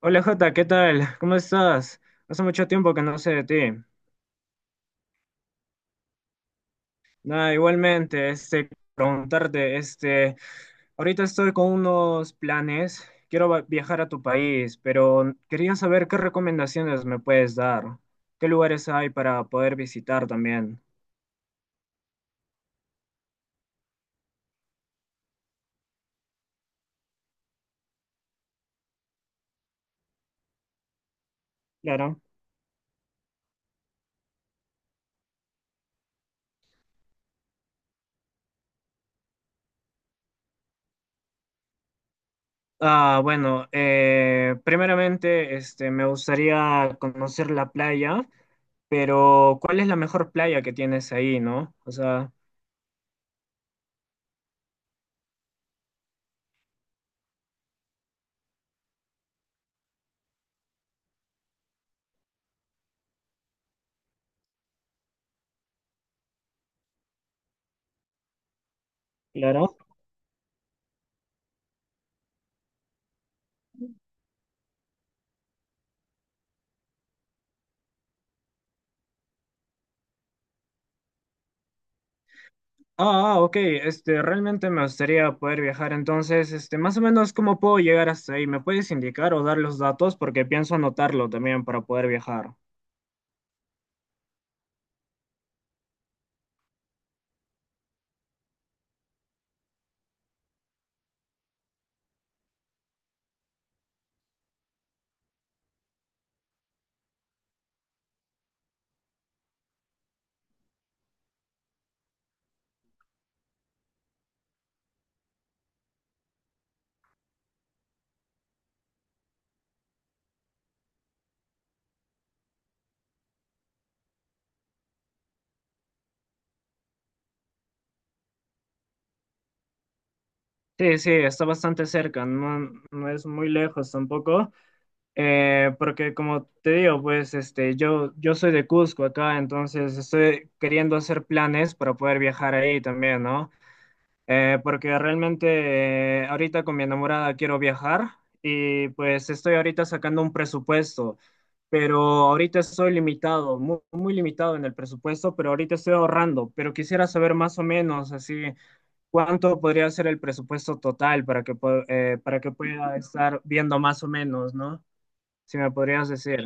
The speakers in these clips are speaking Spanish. Hola Jota, ¿qué tal? ¿Cómo estás? Hace mucho tiempo que no sé de ti. Nada, igualmente, preguntarte, ahorita estoy con unos planes, quiero viajar a tu país, pero quería saber qué recomendaciones me puedes dar, qué lugares hay para poder visitar también. Claro. Ah, bueno, primeramente, me gustaría conocer la playa, pero ¿cuál es la mejor playa que tienes ahí, no? O sea, claro. Ah, ah, ok, realmente me gustaría poder viajar, entonces, más o menos, ¿cómo puedo llegar hasta ahí? ¿Me puedes indicar o dar los datos? Porque pienso anotarlo también para poder viajar. Sí, sí, está bastante cerca, no, no es muy lejos tampoco, porque como te digo, pues, yo soy de Cusco acá, entonces estoy queriendo hacer planes para poder viajar ahí también, ¿no? Porque realmente ahorita con mi enamorada quiero viajar y pues estoy ahorita sacando un presupuesto, pero ahorita estoy limitado, muy, muy limitado en el presupuesto, pero ahorita estoy ahorrando, pero quisiera saber más o menos así cuánto podría ser el presupuesto total para que, para que pueda estar viendo más o menos, ¿no? Si me podrías decir.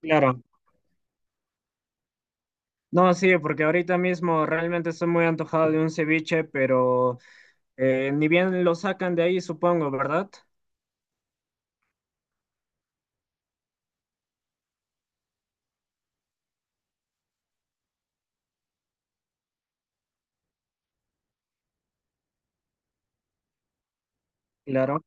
Claro. No, sí, porque ahorita mismo realmente estoy muy antojado de un ceviche, pero ni bien lo sacan de ahí, supongo, ¿verdad? Claro.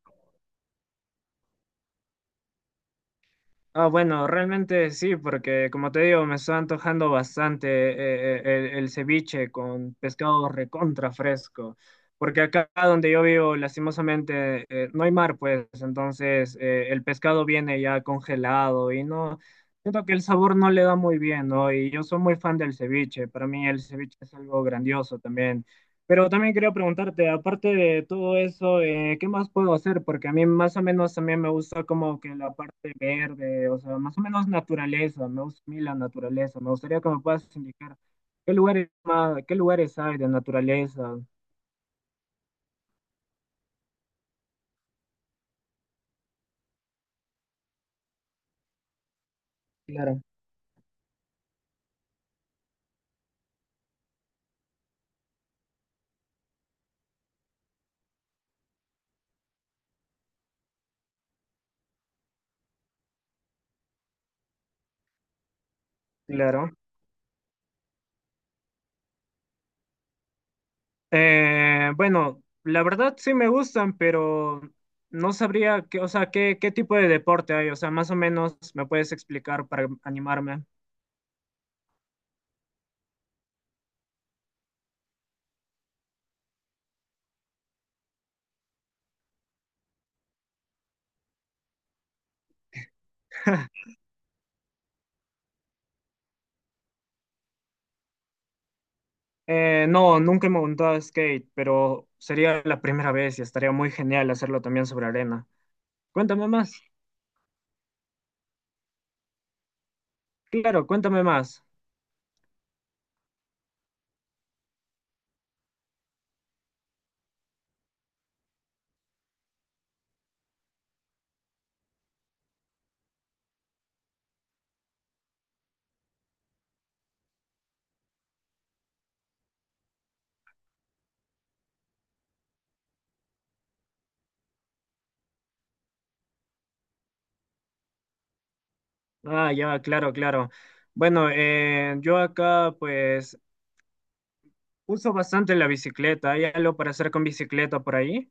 Ah, bueno, realmente sí, porque como te digo, me está antojando bastante el ceviche con pescado recontra fresco, porque acá donde yo vivo, lastimosamente, no hay mar, pues, entonces el pescado viene ya congelado y no, siento que el sabor no le da muy bien, ¿no? Y yo soy muy fan del ceviche, para mí el ceviche es algo grandioso también. Pero también quería preguntarte, aparte de todo eso, ¿qué más puedo hacer? Porque a mí más o menos también me gusta como que la parte verde, o sea, más o menos naturaleza, me gusta a mí la naturaleza. Me gustaría que me puedas indicar qué lugares más, qué lugares hay de naturaleza. Claro. Claro. Bueno, la verdad sí me gustan, pero no sabría qué, o sea, qué tipo de deporte hay. O sea, más o menos me puedes explicar para animarme. No, nunca me he montado a skate, pero sería la primera vez y estaría muy genial hacerlo también sobre arena. Cuéntame más. Claro, cuéntame más. Ah, ya, claro, claro. Bueno, yo acá pues uso bastante la bicicleta. ¿Hay algo para hacer con bicicleta por ahí?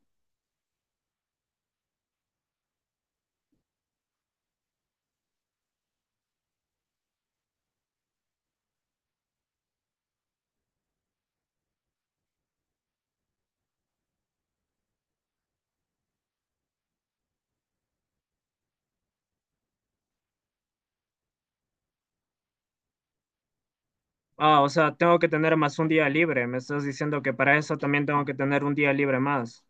Ah, o sea, tengo que tener más un día libre. Me estás diciendo que para eso también tengo que tener un día libre más.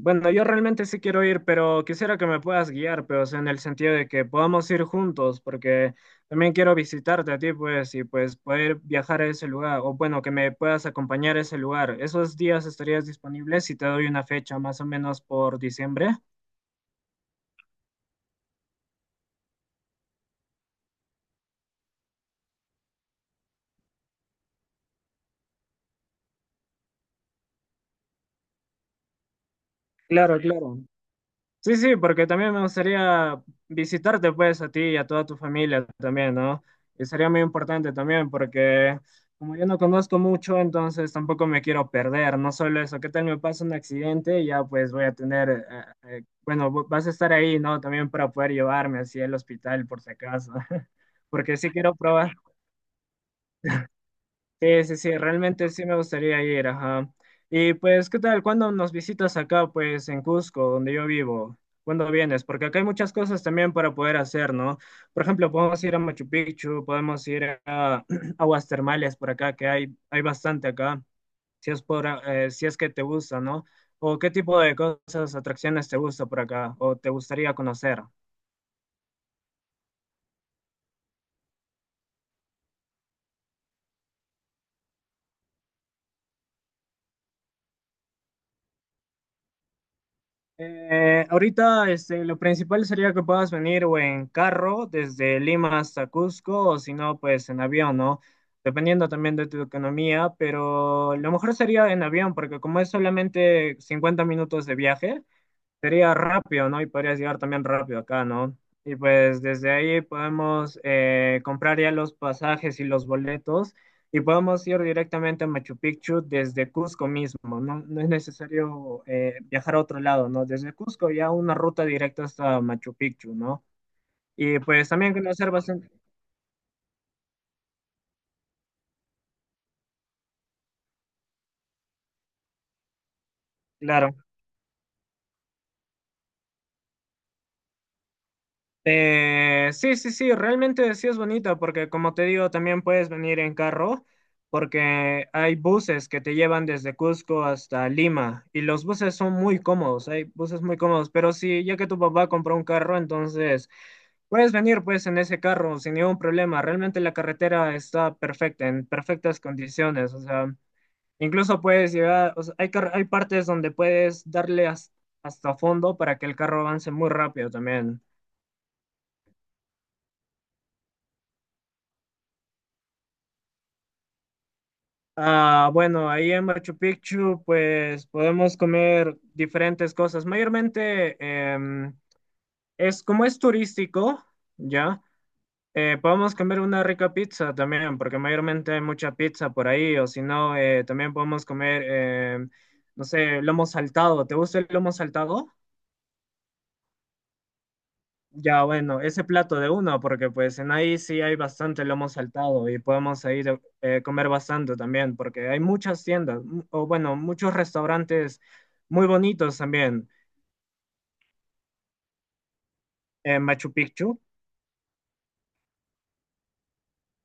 Bueno, yo realmente sí quiero ir, pero quisiera que me puedas guiar, pero o sea, en el sentido de que podamos ir juntos, porque también quiero visitarte a ti, pues, y pues poder viajar a ese lugar, o bueno, que me puedas acompañar a ese lugar. ¿Esos días estarías disponible si te doy una fecha más o menos por diciembre? Claro, claro. Sí, sí, porque también me gustaría visitarte pues a ti y a toda tu familia también, ¿no? Y sería muy importante también porque como yo no conozco mucho, entonces tampoco me quiero perder, no solo eso, ¿qué tal me pasa un accidente? Y ya pues voy a tener, bueno, vas a estar ahí, ¿no? También para poder llevarme así al hospital por si acaso. Porque sí quiero probar. Sí, sí, sí, realmente sí me gustaría ir, ajá. Y pues, ¿qué tal? ¿Cuándo nos visitas acá, pues, en Cusco, donde yo vivo? ¿Cuándo vienes? Porque acá hay muchas cosas también para poder hacer, ¿no? Por ejemplo, podemos ir a Machu Picchu, podemos ir a aguas termales por acá, que hay bastante acá, si es por, si es que te gusta, ¿no? ¿O qué tipo de cosas, atracciones te gusta por acá o te gustaría conocer? Ahorita lo principal sería que puedas venir o en carro desde Lima hasta Cusco o si no, pues en avión, ¿no? Dependiendo también de tu economía, pero lo mejor sería en avión porque como es solamente 50 minutos de viaje, sería rápido, ¿no? Y podrías llegar también rápido acá, ¿no? Y pues desde ahí podemos comprar ya los pasajes y los boletos y podemos ir directamente a Machu Picchu desde Cusco mismo, ¿no? No es necesario viajar a otro lado, ¿no? Desde Cusco ya una ruta directa hasta Machu Picchu, ¿no? Y pues también conocer bastante, claro. Sí, sí, sí, realmente sí es bonita porque como te digo, también puedes venir en carro porque hay buses que te llevan desde Cusco hasta Lima y los buses son muy cómodos, hay buses muy cómodos, pero sí, ya que tu papá compró un carro, entonces puedes venir pues en ese carro sin ningún problema, realmente la carretera está perfecta, en perfectas condiciones, o sea, incluso puedes llegar, o sea, hay, hay partes donde puedes darle hasta fondo para que el carro avance muy rápido también. Ah, bueno, ahí en Machu Picchu, pues podemos comer diferentes cosas. Mayormente em, es como es turístico, ya, podemos comer una rica pizza también, porque mayormente hay mucha pizza por ahí, o si no, también podemos comer, no sé, lomo saltado. ¿Te gusta el lomo saltado? Ya, bueno, ese plato de uno, porque pues en ahí sí hay bastante lomo saltado y podemos ir comer bastante también, porque hay muchas tiendas, o bueno, muchos restaurantes muy bonitos también en Machu Picchu.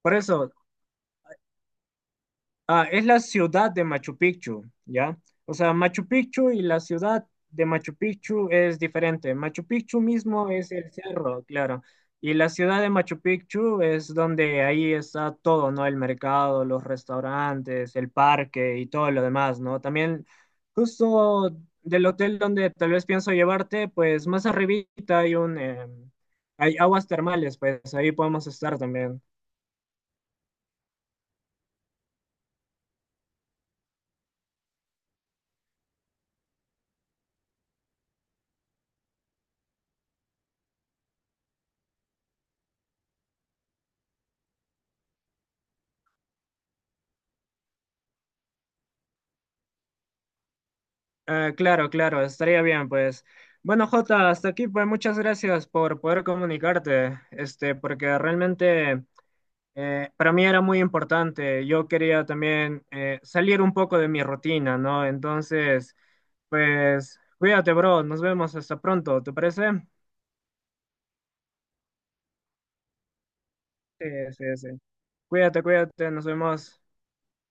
Por eso, ah, es la ciudad de Machu Picchu, ¿ya? O sea, Machu Picchu y la ciudad de Machu Picchu es diferente. Machu Picchu mismo es el cerro, claro. Y la ciudad de Machu Picchu es donde ahí está todo, ¿no? El mercado, los restaurantes, el parque y todo lo demás, ¿no? También justo del hotel donde tal vez pienso llevarte, pues más arribita hay un, hay aguas termales, pues ahí podemos estar también. Ah, claro, claro, estaría bien, pues. Bueno, Jota, hasta aquí, pues muchas gracias por poder comunicarte, porque realmente para mí era muy importante. Yo quería también salir un poco de mi rutina, ¿no? Entonces, pues, cuídate, bro, nos vemos hasta pronto, ¿te parece? Sí, sí, sí. Cuídate, cuídate, nos vemos.